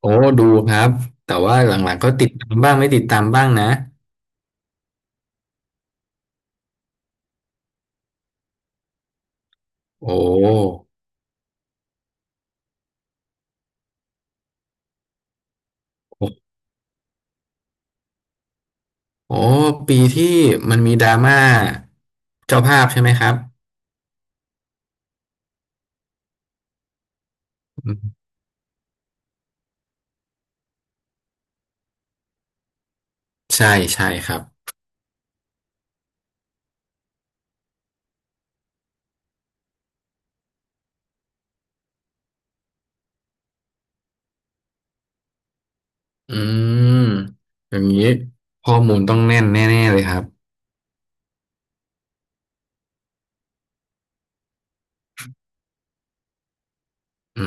โอ้ดูครับแต่ว่าหลังๆก็ติดตามบ้างไม่ติดตามบ้างนะโอ้โอ้โอ้ปีที่มันมีดราม่าเจ้าภาพใช่ไหมครับอืมใช่ใช่ครับอืมอย่างนี้ข้อมูลต้องแน่นแน่ๆเลยครับอื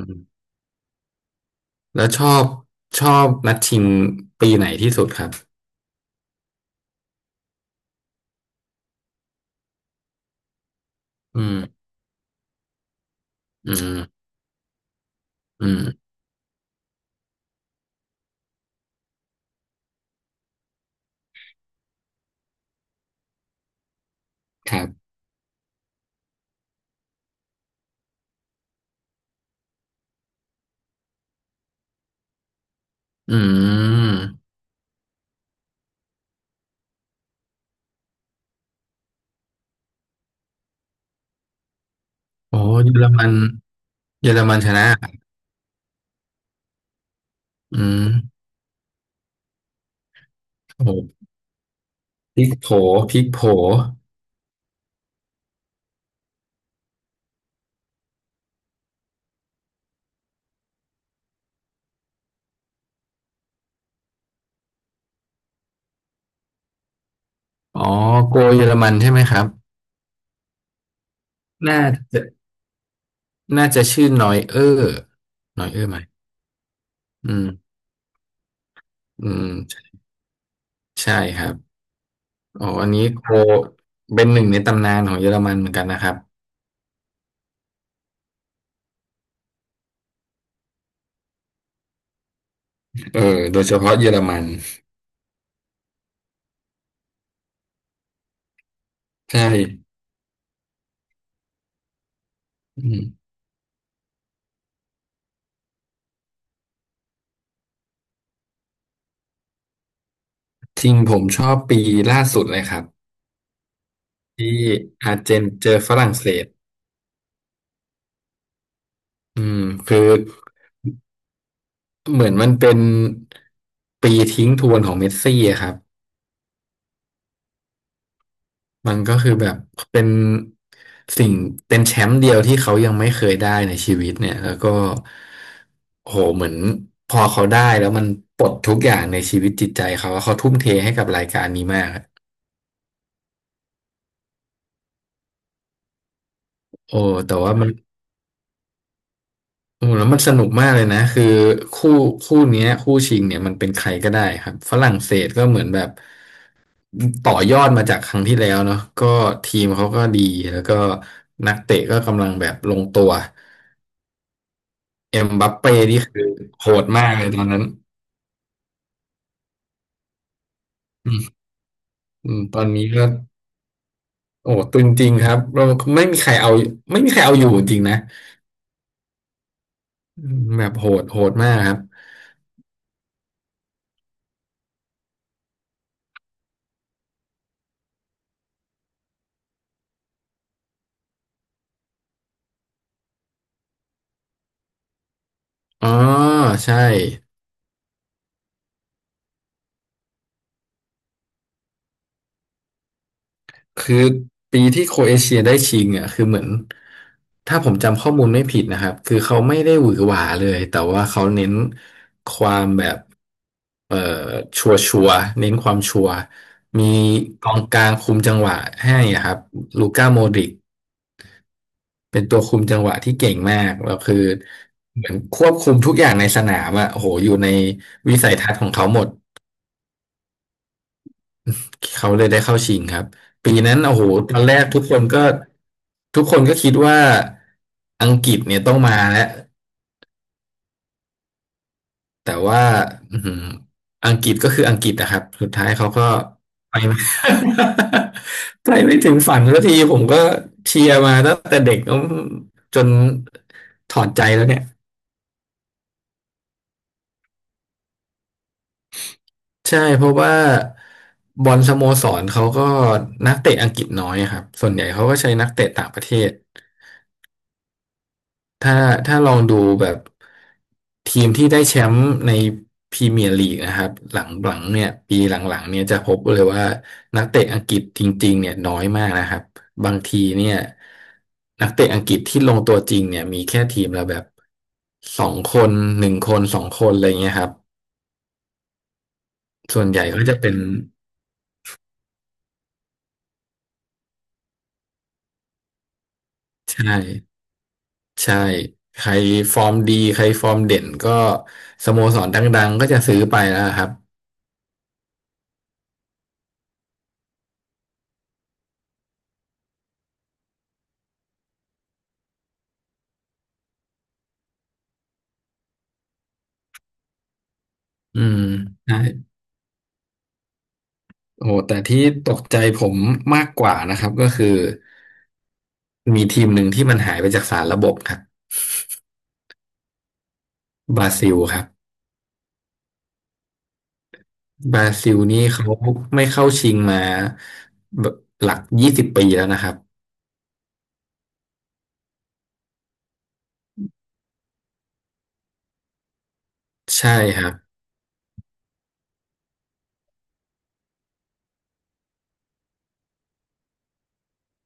มแล้วชอบชอบนัดชิงปีไหนที่สุดครับอืมอืมอืมครับอืมโอ้เยอรมันเยอรมันชนะอืมโอ้ พริกโผพริกโผอ๋อโกเยอรมันใช่ไหมครับ น่าจะน่าจะชื่อนอยเออร์นอยเออร์ไหมอืมอืมใช่ครับอ๋ออันนี้โกเป็นหนึ่งในตำนานของเยอรมันเหมือนกันนะครับเออโดยเฉพาะเยอรมันใช่อืมจริงผมชอบปีล่าสุดเลยครับที่อาร์เจนเจอฝรั่งเศสอืมคือเหมือนมันเป็นปีทิ้งทวนของเมสซี่อะครับ มันก็คือแบบเป็นสิ่งเป็นแชมป์เดียวที่เขายังไม่เคยได้ในชีวิตเนี่ยแล้วก็โหเหมือนพอเขาได้แล้วมันปลดทุกอย่างในชีวิตจิตใจเขาว่าเขาทุ่มเทให้กับรายการนี้มากอะโอ้แต่ว่ามันโอ้แล้วมันสนุกมากเลยนะคือคู่คู่เนี้ยคู่ชิงเนี่ยมันเป็นใครก็ได้ครับฝรั่งเศสก็เหมือนแบบต่อยอดมาจากครั้งที่แล้วเนาะก็ทีมเขาก็ดีแล้วก็นักเตะก็กำลังแบบลงตัว เอ็มบัปเป้นี่คือโหดมากเลยตอนนั้นอืมอืมตอนนี้ก็ โอ้ตึงจริงครับเราไม่มีใครเอาไม่มีใครเอาอยู่จริงนะอืมแบบโหดมากครับ อ๋อ ใช่ คือปีที่โครเอเชียได้ชิงอ่ะ คือเหมือนถ้าผมจำข้อมูลไม่ผิดนะครับ คือเขาไม่ได้หวือหวาเลย แต่ว่าเขาเน้นความแบบเอ่อชัวชัวเน้นความชัวร์มีกองกลางคุมจังหวะให้อะครับลูก้าโมดริก เป็นตัวคุมจังหวะที่เก่งมากแล้วคือเหมือนควบคุมทุกอย่างในสนามอะโอ้โหอยู่ในวิสัยทัศน์ของเขาหมดเขาเลยได้เข้าชิงครับปีนั้นโอ้โหตอนแรกทุกคนก็คิดว่าอังกฤษเนี่ยต้องมาแล้วแต่ว่าอือหืออังกฤษก็คืออังกฤษนะครับสุดท้ายเขาก็ไปไม่ ไปไม่ถึงฝันสักทีผมก็เชียร์มาตั้งแต่เด็กจนถอดใจแล้วเนี่ย ใช่เพราะว่าบอลสโมสรเขาก็นักเตะอังกฤษน้อยอะครับส่วนใหญ่เขาก็ใช้นักเตะต่างประเทศถ้าถ้าลองดูแบบทีมที่ได้แชมป์ในพรีเมียร์ลีกนะครับหลังๆเนี่ยปีหลังๆเนี่ยจะพบเลยว่านักเตะอังกฤษจริงๆเนี่ยน้อยมากนะครับบางทีเนี่ยนักเตะอังกฤษที่ลงตัวจริงเนี่ยมีแค่ทีมละแบบสองคนหนึ่งคนสองคนอะไรเงี้ยครับส่วนใหญ่ก็จะเป็นใช่ ใช่ใครฟอร์มดีใครฟอร์มเด่นก็สโมสรดังๆก็จะซื้อไปแล้วครับอืมใช่โอ้หแต่ที่ตกใจผมมากกว่านะครับก็คือมีทีมหนึ่งที่มันหายไปจากสารระบบครับบราซิลครับบราซิลนี่เขาไม่เข้าชิงมาแบบหลัก20 ปีแล้วนะครับใช่ครับ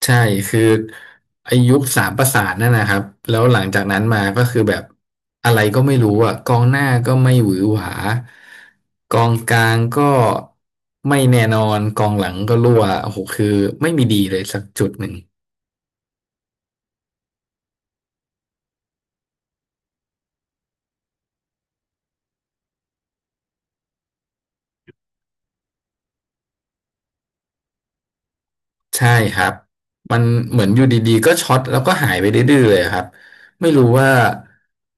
ใช่คือไอ้ยุคสามประสานนั่นนะครับแล้วหลังจากนั้นมาก็คือแบบอะไรก็ไม่รู้อ่ะกองหน้าก็ไม่หวือหวากองกลางก็ไม่แน่นอนกองหลังก็รั่วโอ้โหคือไม่มีดีเลยสักจุดหนึ่ง ใช่ครับ มันเหมือนอยู่ดีๆก็ช็อตแล้วก็หายไปดื้อๆเลยครับไม่รู้ว่า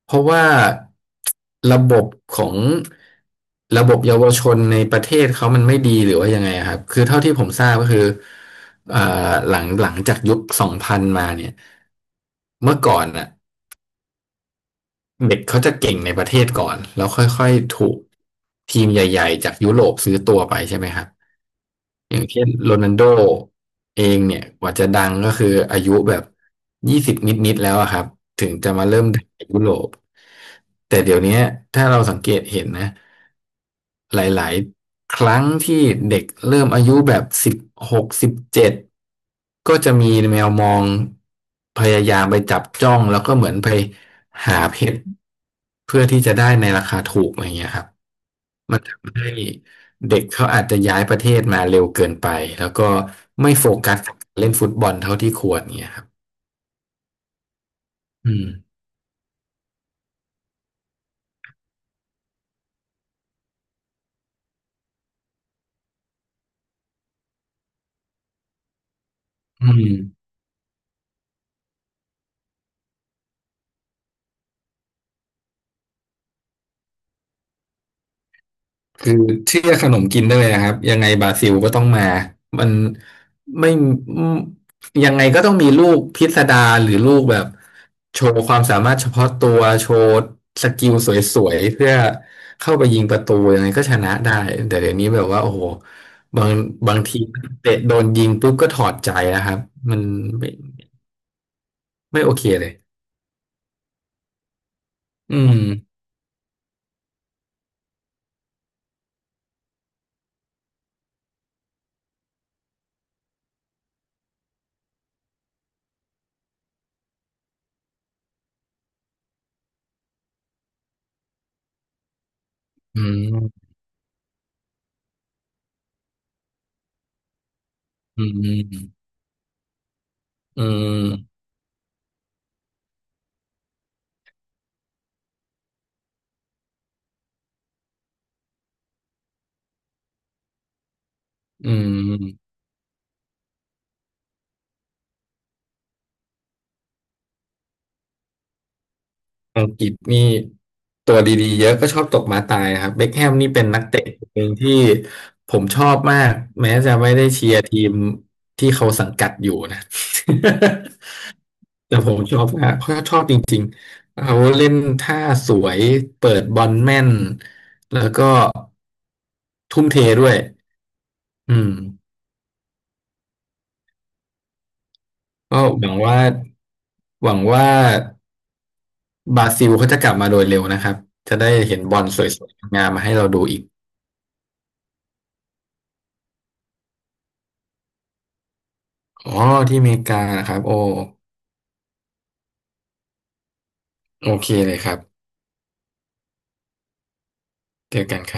เพราะว่าระบบของระบบเยาวชนในประเทศเขามันไม่ดีหรือว่ายังไงครับคือเท่าที่ผมทราบก็คือเอ่อหลังจากยุค2000มาเนี่ย เมื่อก่อนน่ะเด็กเขาจะเก่งในประเทศก่อนแล้วค่อยๆถูกทีมใหญ่ๆจากยุโรปซื้อตัวไปใช่ไหมครับ อย่างเช่นโรนัลโดเองเนี่ยกว่าจะดังก็คืออายุแบบยี่สิบนิดๆแล้วอะครับถึงจะมาเริ่มดังในยุโรปแต่เดี๋ยวเนี้ยถ้าเราสังเกตเห็นนะหลายๆครั้งที่เด็กเริ่มอายุแบบ16 17ก็จะมีแมวมองพยายามไปจับจ้องแล้วก็เหมือนไปหาเพชรเพื่อที่จะได้ในราคาถูกอะไรเงี้ยครับ มันทำให้เด็กเขาอาจจะย้ายประเทศมาเร็วเกินไป แล้วก็ไม่โฟกัสกับการเล่นฟุตบอลเท่าที่ควรเงี้ยครับอืมอืม คือเชื่อขนมกินได้เลยนะครับยังไงบราซิลก็ต้องมา มันไม่อืมยังไงก็ต้องมีลูกพิสดารหรือลูกแบบโชว์ความสามารถเฉพาะตัวโชว์สกิลสวยๆเพื่อเข้าไปยิงประตูยังไงก็ชนะได้แต่เดี๋ยวนี้แบบว่าโอ้โหบางบางทีเตะโดนยิงปุ๊บก็ถอดใจนะครับมันไม่ไม่โอเคเลยอืมอืมอืมอืมอืม อังกฤษนี่ตัวดีๆเยอะก็ชอบตกม้าตายครับเบ็คแฮมนี่เป็นนักเตะคนหนึ่งที่ผมชอบมากแม้จะไม่ได้เชียร์ทีมที่เขาสังกัดอยู่นะ แต่ผมชอบมากเพราะชอบจริงๆเขาเล่นท่าสวยเปิดบอลแม่นแล้วก็ทุ่มเทด้วยอืมก็หวังว่าบราซิลเขาจะกลับมาโดยเร็วนะครับจะได้เห็นบอลสวยๆงามมาให้เราดูอีก อ๋อที่อเมริกานะครับโอโอเคเลยครับเจอกันครับ